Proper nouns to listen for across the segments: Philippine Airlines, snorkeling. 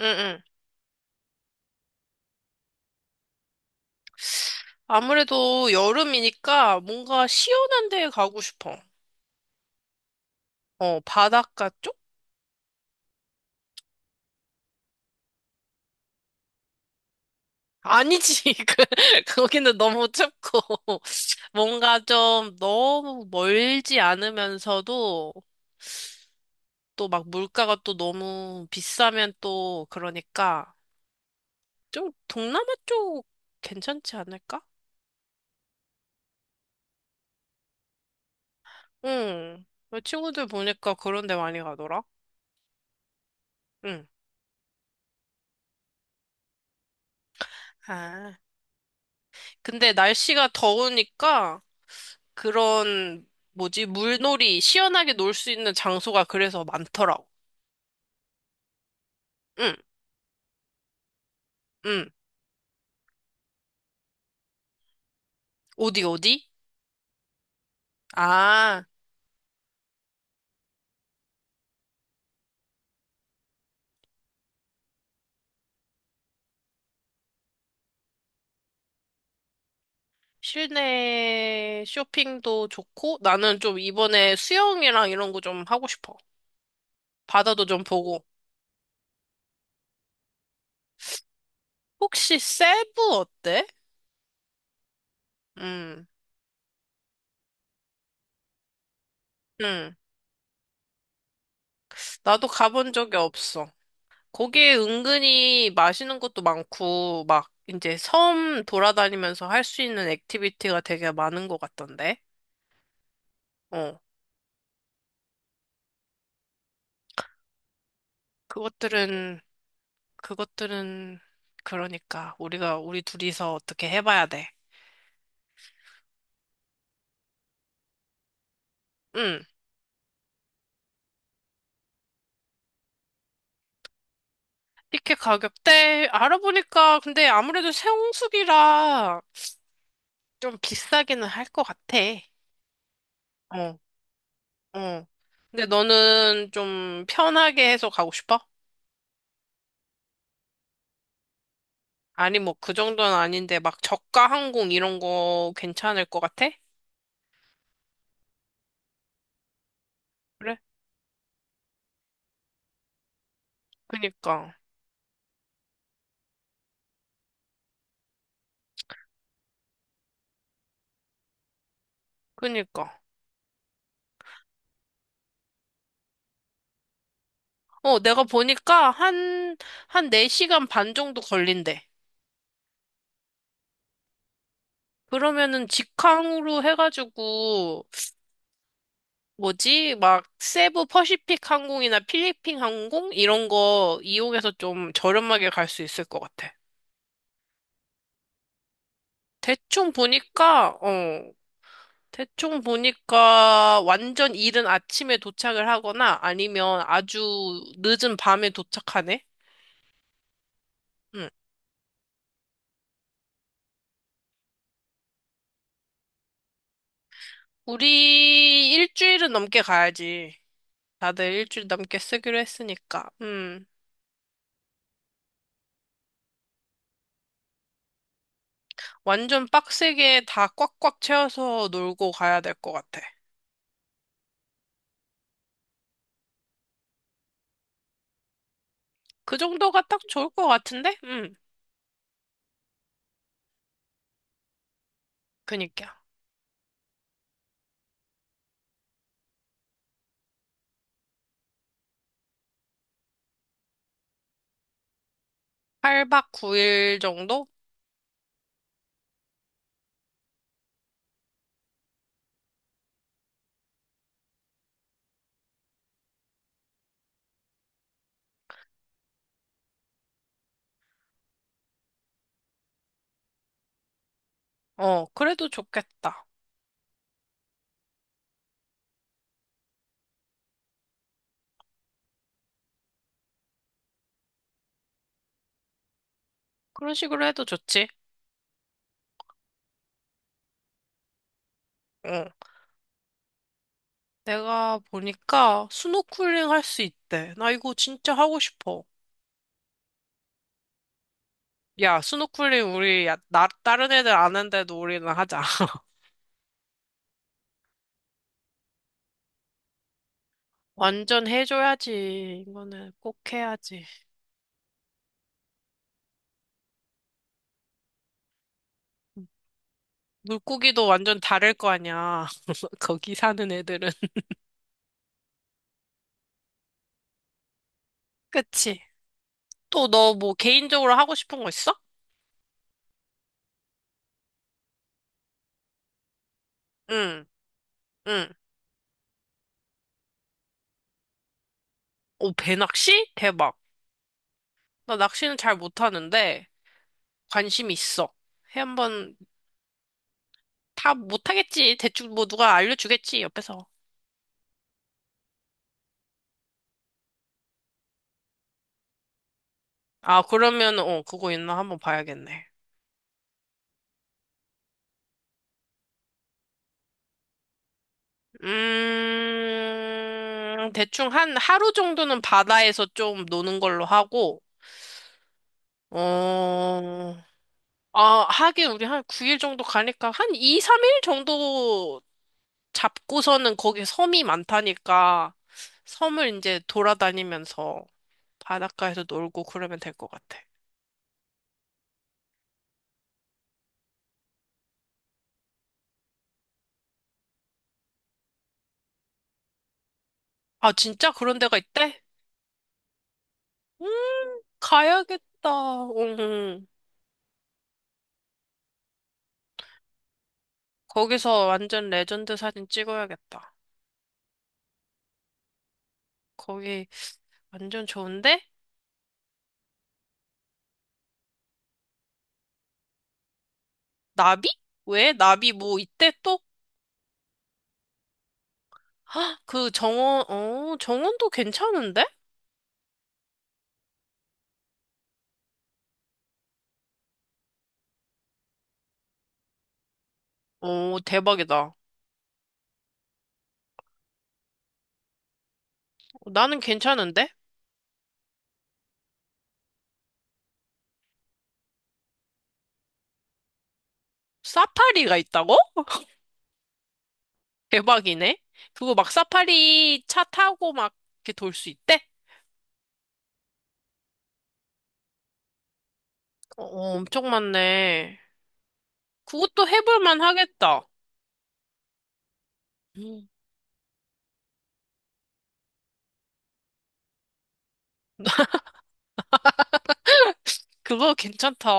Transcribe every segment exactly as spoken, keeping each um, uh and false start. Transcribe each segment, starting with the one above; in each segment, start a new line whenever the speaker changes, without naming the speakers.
응응. 아무래도 여름이니까 뭔가 시원한 데 가고 싶어. 어, 바닷가 쪽? 아니지. 그, 거기는 너무 춥고. 뭔가 좀 너무 멀지 않으면서도 또 막 물가가 또 너무 비싸면 또 그러니까 좀 동남아 쪽 괜찮지 않을까? 응. 내 친구들 보니까 그런 데 많이 가더라. 응. 아. 근데 날씨가 더우니까 그런 뭐지 물놀이 시원하게 놀 수 있는 장소가 그래서 많더라고. 응, 응. 어디 어디? 아, 실내 쇼핑도 좋고 나는 좀 이번에 수영이랑 이런 거 좀 하고 싶어. 바다도 좀 보고. 혹시 세부 어때? 응, 응. 나도 가본 적이 없어. 거기에 은근히 맛있는 것도 많고, 막 이제 섬 돌아다니면서 할 수 있는 액티비티가 되게 많은 것 같던데. 어. 그것들은, 그것들은, 그러니까 우리가, 우리 둘이서 어떻게 해봐야 돼. 응. 티켓 가격대 알아보니까 근데 아무래도 세홍수기라 좀 비싸기는 할 것 같아. 어, 어. 근데 너는 좀 편하게 해서 가고 싶어? 아니, 뭐, 그 정도는 아닌데, 막, 저가 항공 이런 거 괜찮을 것 같아? 그래? 그니까, 그니까. 어, 내가 보니까 한, 한 네 시간 반 정도 걸린대. 그러면은 직항으로 해가지고, 뭐지? 막, 세부 퍼시픽 항공이나 필리핀 항공? 이런 거 이용해서 좀 저렴하게 갈 수 있을 것 같아. 대충 보니까, 어, 대충 보니까 완전 이른 아침에 도착을 하거나 아니면 아주 늦은 밤에 도착하네? 응. 우리 일주일은 넘게 가야지. 다들 일주일 넘게 쓰기로 했으니까. 음. 완전 빡세게 다 꽉꽉 채워서 놀고 가야 될 것 같아. 그 정도가 딱 좋을 것 같은데? 음. 그니까. 팔 박 구 일 정도? 어, 그래도 좋겠다. 그런 식으로 해도 좋지. 어. 내가 보니까 스노클링 할 수 있대. 나 이거 진짜 하고 싶어. 야, 스노클링 우리 야, 나 다른 애들 아는데도 우리는 하자. 완전 해줘야지. 이거는 꼭 해야지. 물고기도 완전 다를 거 아니야. 거기 사는 애들은. 그치? 또 너 뭐 개인적으로 하고 싶은 거 있어? 응, 응. 오, 배낚시? 대박. 나 낚시는 잘 못하는데 관심 있어. 해 한번 다 못하겠지. 대충 뭐 누가 알려주겠지, 옆에서. 아, 그러면, 어, 그거 있나 한번 봐야겠네. 음, 대충 한 하루 정도는 바다에서 좀 노는 걸로 하고, 어, 아, 하긴 우리 한 구 일 정도 가니까 한 이, 삼 일 정도 잡고서는 거기 섬이 많다니까, 섬을 이제 돌아다니면서 바닷가에서 놀고 그러면 될 것 같아. 아, 진짜 그런 데가 있대? 음, 가야겠다. 응. 응. 거기서 완전 레전드 사진 찍어야겠다. 거기 완전 좋은데? 나비? 왜? 나비 뭐 이때 또? 헉, 그 정원, 어, 정원도 괜찮은데? 오 대박이다. 나는 괜찮은데? 사파리가 있다고? 대박이네. 그거 막 사파리 차 타고 막 이렇게 돌 수 있대? 어, 어, 엄청 많네. 그것도 해볼 만 하겠다. 음, 그거 괜찮다.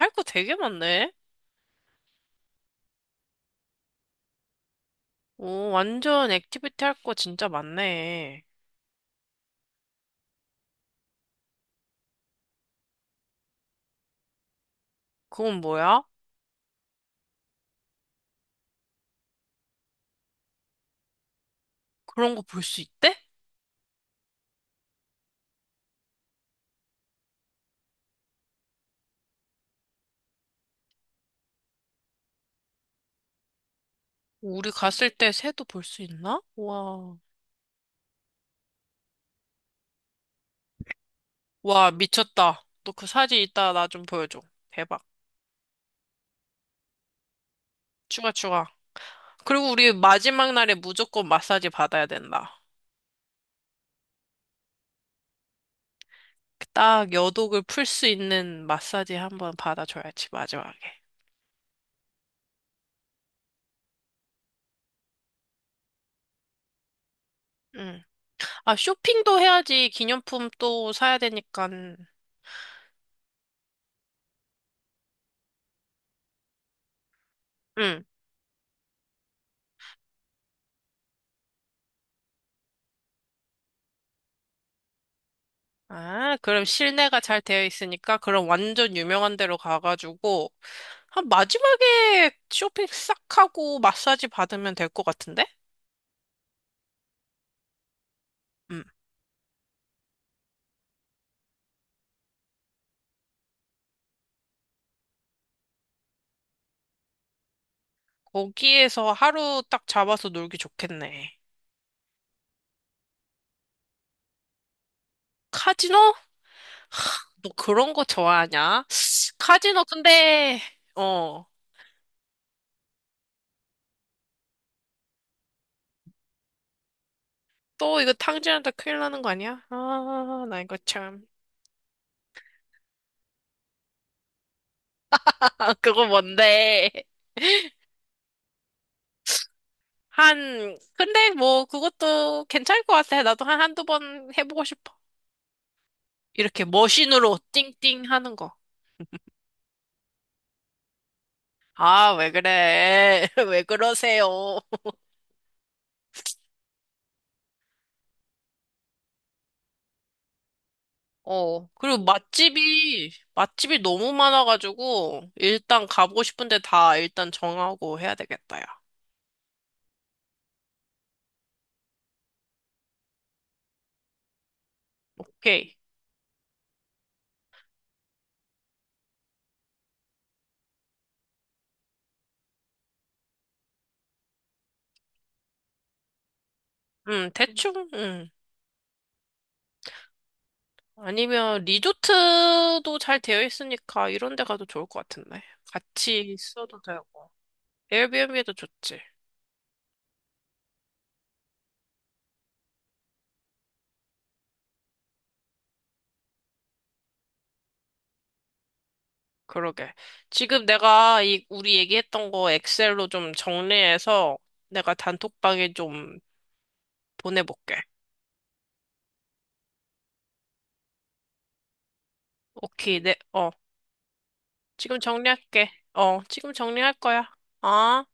할 거 되게 많네. 오, 완전 액티비티 할 거 진짜 많네. 그건 뭐야? 그런 거 볼 수 있대? 우리 갔을 때 새도 볼 수 있나? 와. 와, 미쳤다. 너 그 사진 이따 나 좀 보여줘. 대박. 추가, 추가. 그리고 우리 마지막 날에 무조건 마사지 받아야 된다. 딱 여독을 풀 수 있는 마사지 한번 받아줘야지, 마지막에. 응. 아, 쇼핑도 해야지. 기념품 또 사야 되니까. 응. 아, 그럼 실내가 잘 되어 있으니까 그럼 완전 유명한 데로 가가지고 한 마지막에 쇼핑 싹 하고 마사지 받으면 될 것 같은데? 음. 거기에서 하루 딱 잡아서 놀기 좋겠네. 카지노? 너 그런 거 좋아하냐? 카지노 근데 어. 또 이거 탕진한테 큰일 나는 거 아니야? 아, 나 이거 참. 아, 그거 뭔데? 한 근데 뭐 그것도 괜찮을 것 같아. 나도 한 한두 번 해보고 싶어. 이렇게 머신으로 띵띵 하는 거. 아, 왜 그래? 왜 그러세요? 어. 그리고 맛집이, 맛집이 너무 많아가지고, 일단 가보고 싶은데 다 일단 정하고 해야 되겠다, 야. 오케이. 음, 대충, 음. 아니면 리조트도 잘 되어 있으니까 이런 데 가도 좋을 것 같은데. 같이 있어도 되고. 에어비앤비도 좋지. 그러게. 지금 내가 이 우리 얘기했던 거 엑셀로 좀 정리해서 내가 단톡방에 좀 보내볼게. 오케이, 네, 어, 지금 정리할게. 어, 지금 정리할 거야. 아.